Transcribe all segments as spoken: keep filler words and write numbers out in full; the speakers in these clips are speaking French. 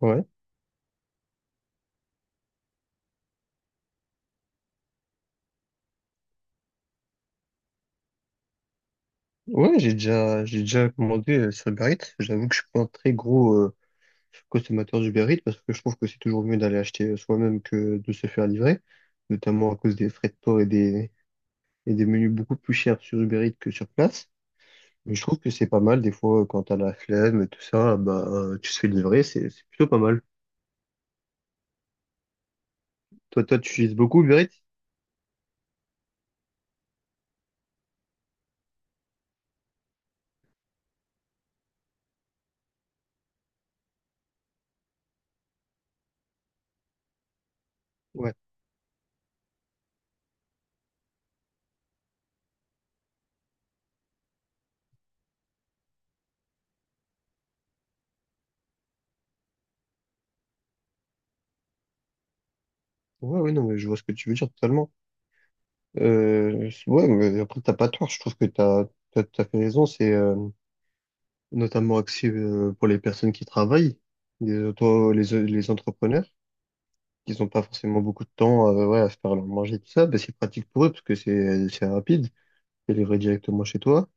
Ouais, ouais, j'ai déjà, j'ai déjà commandé euh, sur Uber Eats. J'avoue que je suis pas un très gros euh, consommateur d'Uber Eats parce que je trouve que c'est toujours mieux d'aller acheter euh, soi-même que de se faire livrer, notamment à cause des frais de port et des, et des menus beaucoup plus chers sur Uber Eats que sur place. Mais je trouve que c'est pas mal des fois euh, quand t'as la flemme et tout ça, bah euh, tu te fais livrer, c'est c'est plutôt pas mal. Toi, toi, tu utilises beaucoup Uber Eats? Ouais, ouais, ouais, non, mais je vois ce que tu veux dire totalement. Euh, ouais, mais après, t'as pas tort, je trouve que t'as, t'as, t'as fait raison, c'est. Euh, notamment axé euh, pour les personnes qui travaillent, les auto, les, les entrepreneurs, qui n'ont pas forcément beaucoup de temps à, ouais, à se faire leur manger, tout ça, ben, c'est pratique pour eux parce que c'est c'est rapide, c'est livré directement chez toi.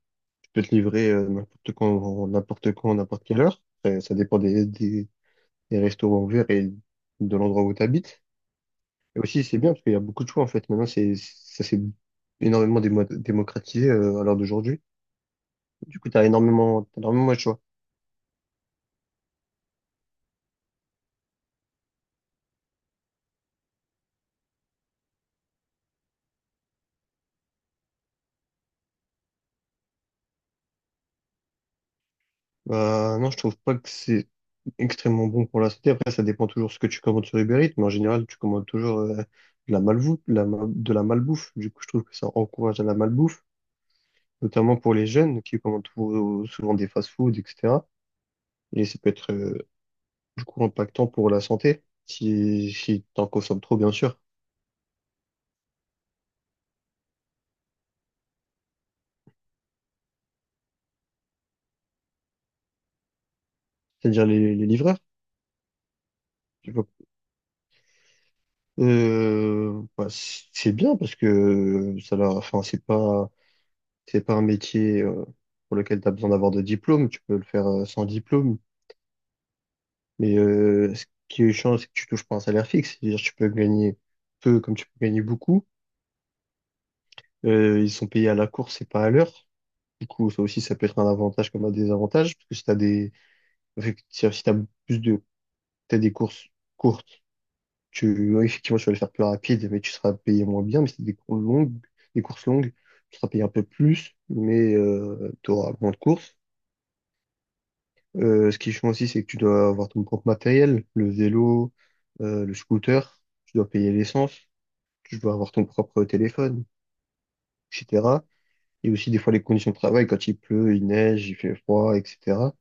Tu peux te livrer euh, n'importe quand, n'importe quand, n'importe quelle heure. Ça, ça dépend des, des, des restaurants ouverts et de l'endroit où tu habites. Et aussi, c'est bien parce qu'il y a beaucoup de choix en fait. Maintenant, c'est ça s'est énormément démo- démocratisé euh, à l'heure d'aujourd'hui. Du coup, tu as énormément, t'as énormément de choix. Bah, non, je trouve pas que c'est extrêmement bon pour la santé. Après, ça dépend toujours ce que tu commandes sur Uber Eats, mais en général, tu commandes toujours euh, de la malbouffe, de la, ma- de la malbouffe. Du coup, je trouve que ça encourage à la malbouffe, notamment pour les jeunes qui commandent tou- souvent des fast-food, et cetera. Et ça peut être euh, du coup impactant pour la santé si, si t'en consommes trop, bien sûr. C'est-à-dire les, les livreurs. Tu vois. Euh, bah, c'est bien parce que ça leur, enfin, c'est pas c'est pas un métier euh, pour lequel tu as besoin d'avoir de diplôme, tu peux le faire euh, sans diplôme, mais euh, ce qui change, c'est que tu touches pas un salaire fixe, c'est-à-dire que tu peux gagner peu comme tu peux gagner beaucoup. Euh, ils sont payés à la course et pas à l'heure. Du coup, ça aussi, ça peut être un avantage comme un désavantage, parce que si t'as des, effectivement, si t'as plus de, t'as des courses courtes, tu, euh, effectivement, tu vas les faire plus rapide, mais tu seras payé moins bien, mais si t'as des courses longues, des courses longues, tu seras payé un peu plus, mais euh, tu auras moins de courses. Euh, ce qui est chiant aussi, c'est que tu dois avoir ton propre matériel, le vélo, euh, le scooter, tu dois payer l'essence, tu dois avoir ton propre téléphone, et cetera. Et aussi des fois les conditions de travail, quand il pleut, il neige, il fait froid, et cetera.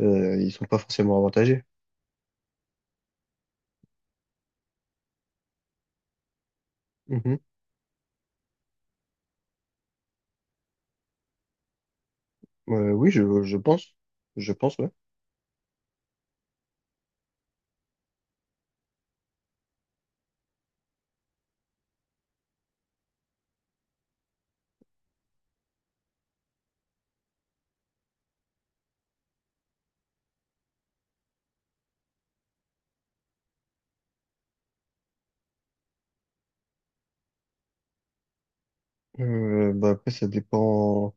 Euh, ils sont pas forcément avantagés. Mhm. Euh, oui, je, je pense. Je pense, ouais. Euh, bah après, ça dépend,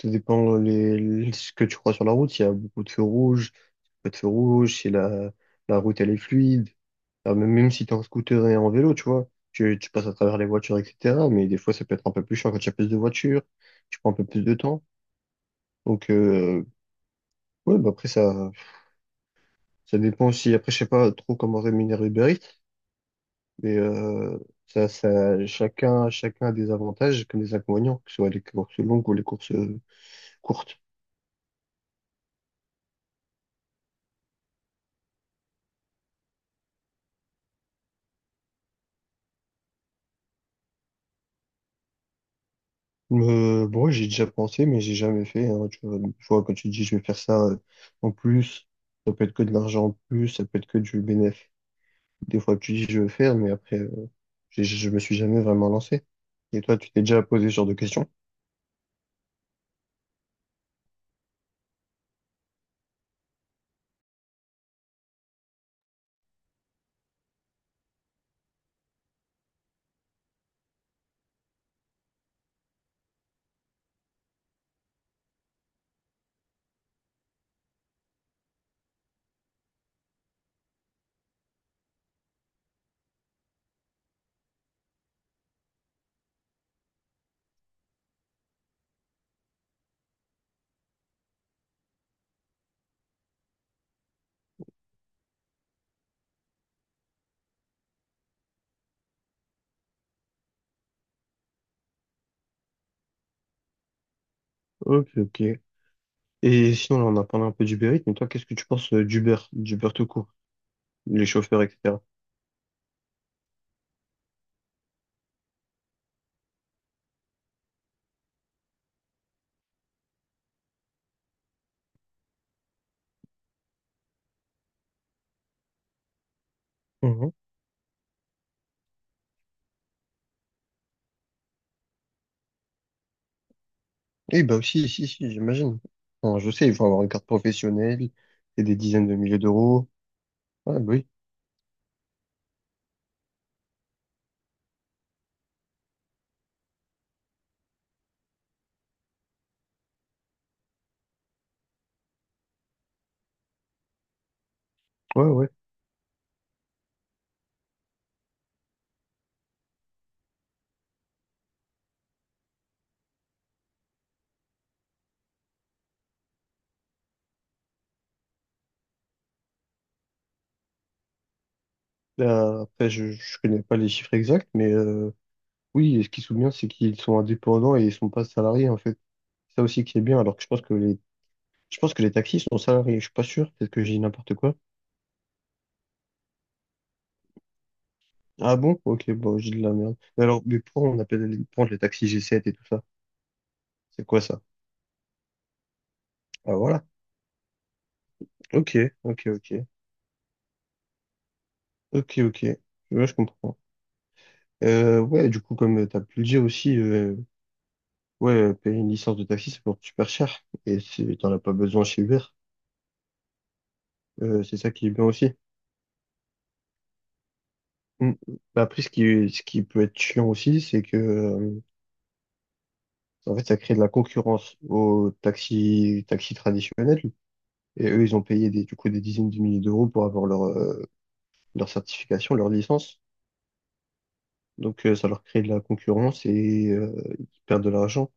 ça dépend les, les- ce que tu crois sur la route. Il y a beaucoup de feux rouges, pas de feux rouges, si la, la route elle est fluide. Ah, mais même si t'es en scooter et en vélo, tu vois, tu, tu passes à travers les voitures, et cetera. Mais des fois, ça peut être un peu plus chiant quand tu as plus de voitures, tu prends un peu plus de temps. Donc, euh, ouais, bah après, ça, ça dépend aussi. Après, je sais pas trop comment rémunérer Uber Eats, mais euh, ça, ça, chacun, chacun a des avantages comme des inconvénients, que ce soit les courses longues ou les courses euh, courtes. Euh, bon, ouais, j'ai déjà pensé, mais j'ai jamais fait, hein. Tu vois, tu vois, quand tu dis je vais faire ça euh, en plus, ça peut être que de l'argent en plus, ça peut être que du bénéfice. Des fois, tu dis je veux faire, mais après, euh, j'ai- je me suis jamais vraiment lancé. Et toi, tu t'es déjà posé ce genre de questions? Ok, ok. Et sinon, là, on a parlé un peu d'Uber Eats, mais toi, qu'est-ce que tu penses euh, d'Uber, d'Uber tout court, les chauffeurs, et cetera. Mhm. Eh bah aussi, si, si, j'imagine. Enfin, je sais, il faut avoir une carte professionnelle et des dizaines de milliers d'euros. Ah, bah oui, ouais, ouais. Là, après, je, je connais pas les chiffres exacts, mais euh, oui, et ce qui se souvient, c'est qu'ils sont indépendants et ils sont pas salariés, en fait. Ça aussi qui est bien, alors que je pense que les je pense que les taxis sont salariés, je suis pas sûr, peut-être que j'ai dit n'importe quoi. Ah bon? Ok, bon, j'ai de la merde. Mais alors, mais pourquoi on appelle les, pourquoi les taxis g sept et tout ça? C'est quoi ça? Ah voilà. Ok, ok, ok. Ok, ok. Ouais, je comprends. Euh, ouais, du coup, comme euh, t'as pu le dire aussi, euh, ouais, euh, payer une licence de taxi, ça coûte super cher. Et c'est- t'en as pas besoin chez Uber. Euh, c'est ça qui est bien aussi. Mm. Bah, après, ce qui, ce qui peut être chiant aussi, c'est que, euh, en fait, ça crée de la concurrence aux taxis, taxis traditionnels. Et eux, ils ont payé des, du coup des dizaines de milliers d'euros pour avoir leur, euh, leur certification, leur licence. Donc euh, ça leur crée de la concurrence et euh, ils perdent de l'argent.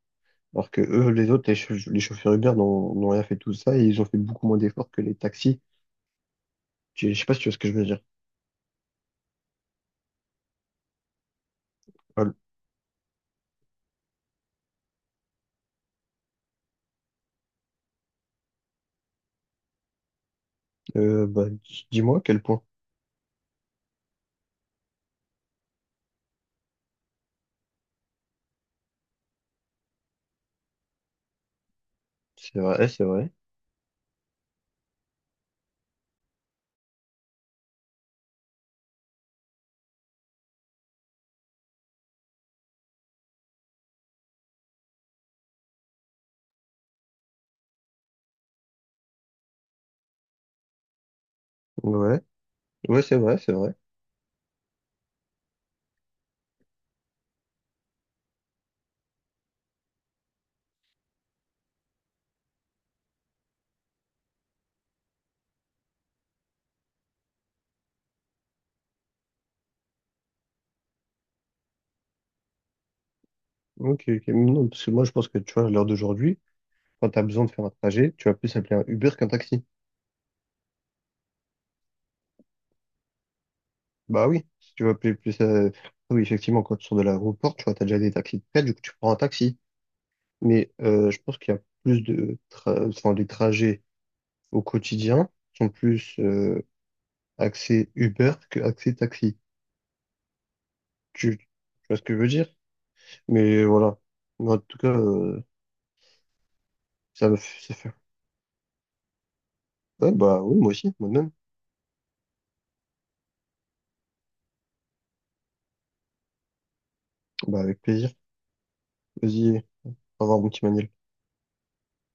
Alors que eux, les autres, les, chauff- les chauffeurs Uber n'ont n'ont rien fait de tout ça et ils ont fait beaucoup moins d'efforts que les taxis. Je je sais pas si tu vois ce que je veux dire. Paul. Euh, bah, dis- dis-moi à quel point. C'est vrai, c'est vrai. Ouais, ouais, c'est vrai, c'est vrai. Ok, ok. Non, parce que moi, je pense que tu vois, à l'heure d'aujourd'hui, quand tu as besoin de faire un trajet, tu vas plus appeler un Uber qu'un taxi. Bah oui, si tu veux plus, plus euh, oui, effectivement, quand tu sors de l'aéroport, tu vois, t'as déjà des taxis de prête, du coup, tu prends un taxi. Mais euh, je pense qu'il y a plus de, tra- enfin, les trajets au quotidien sont plus euh, axés Uber que axés taxi. Tu, tu vois ce que je veux dire? Mais voilà. Mais en tout cas, euh, ça me fait, ça fait- ouais, bah oui, moi aussi, moi-même. Bah avec plaisir. Vas-y, au revoir, mon petit Manil.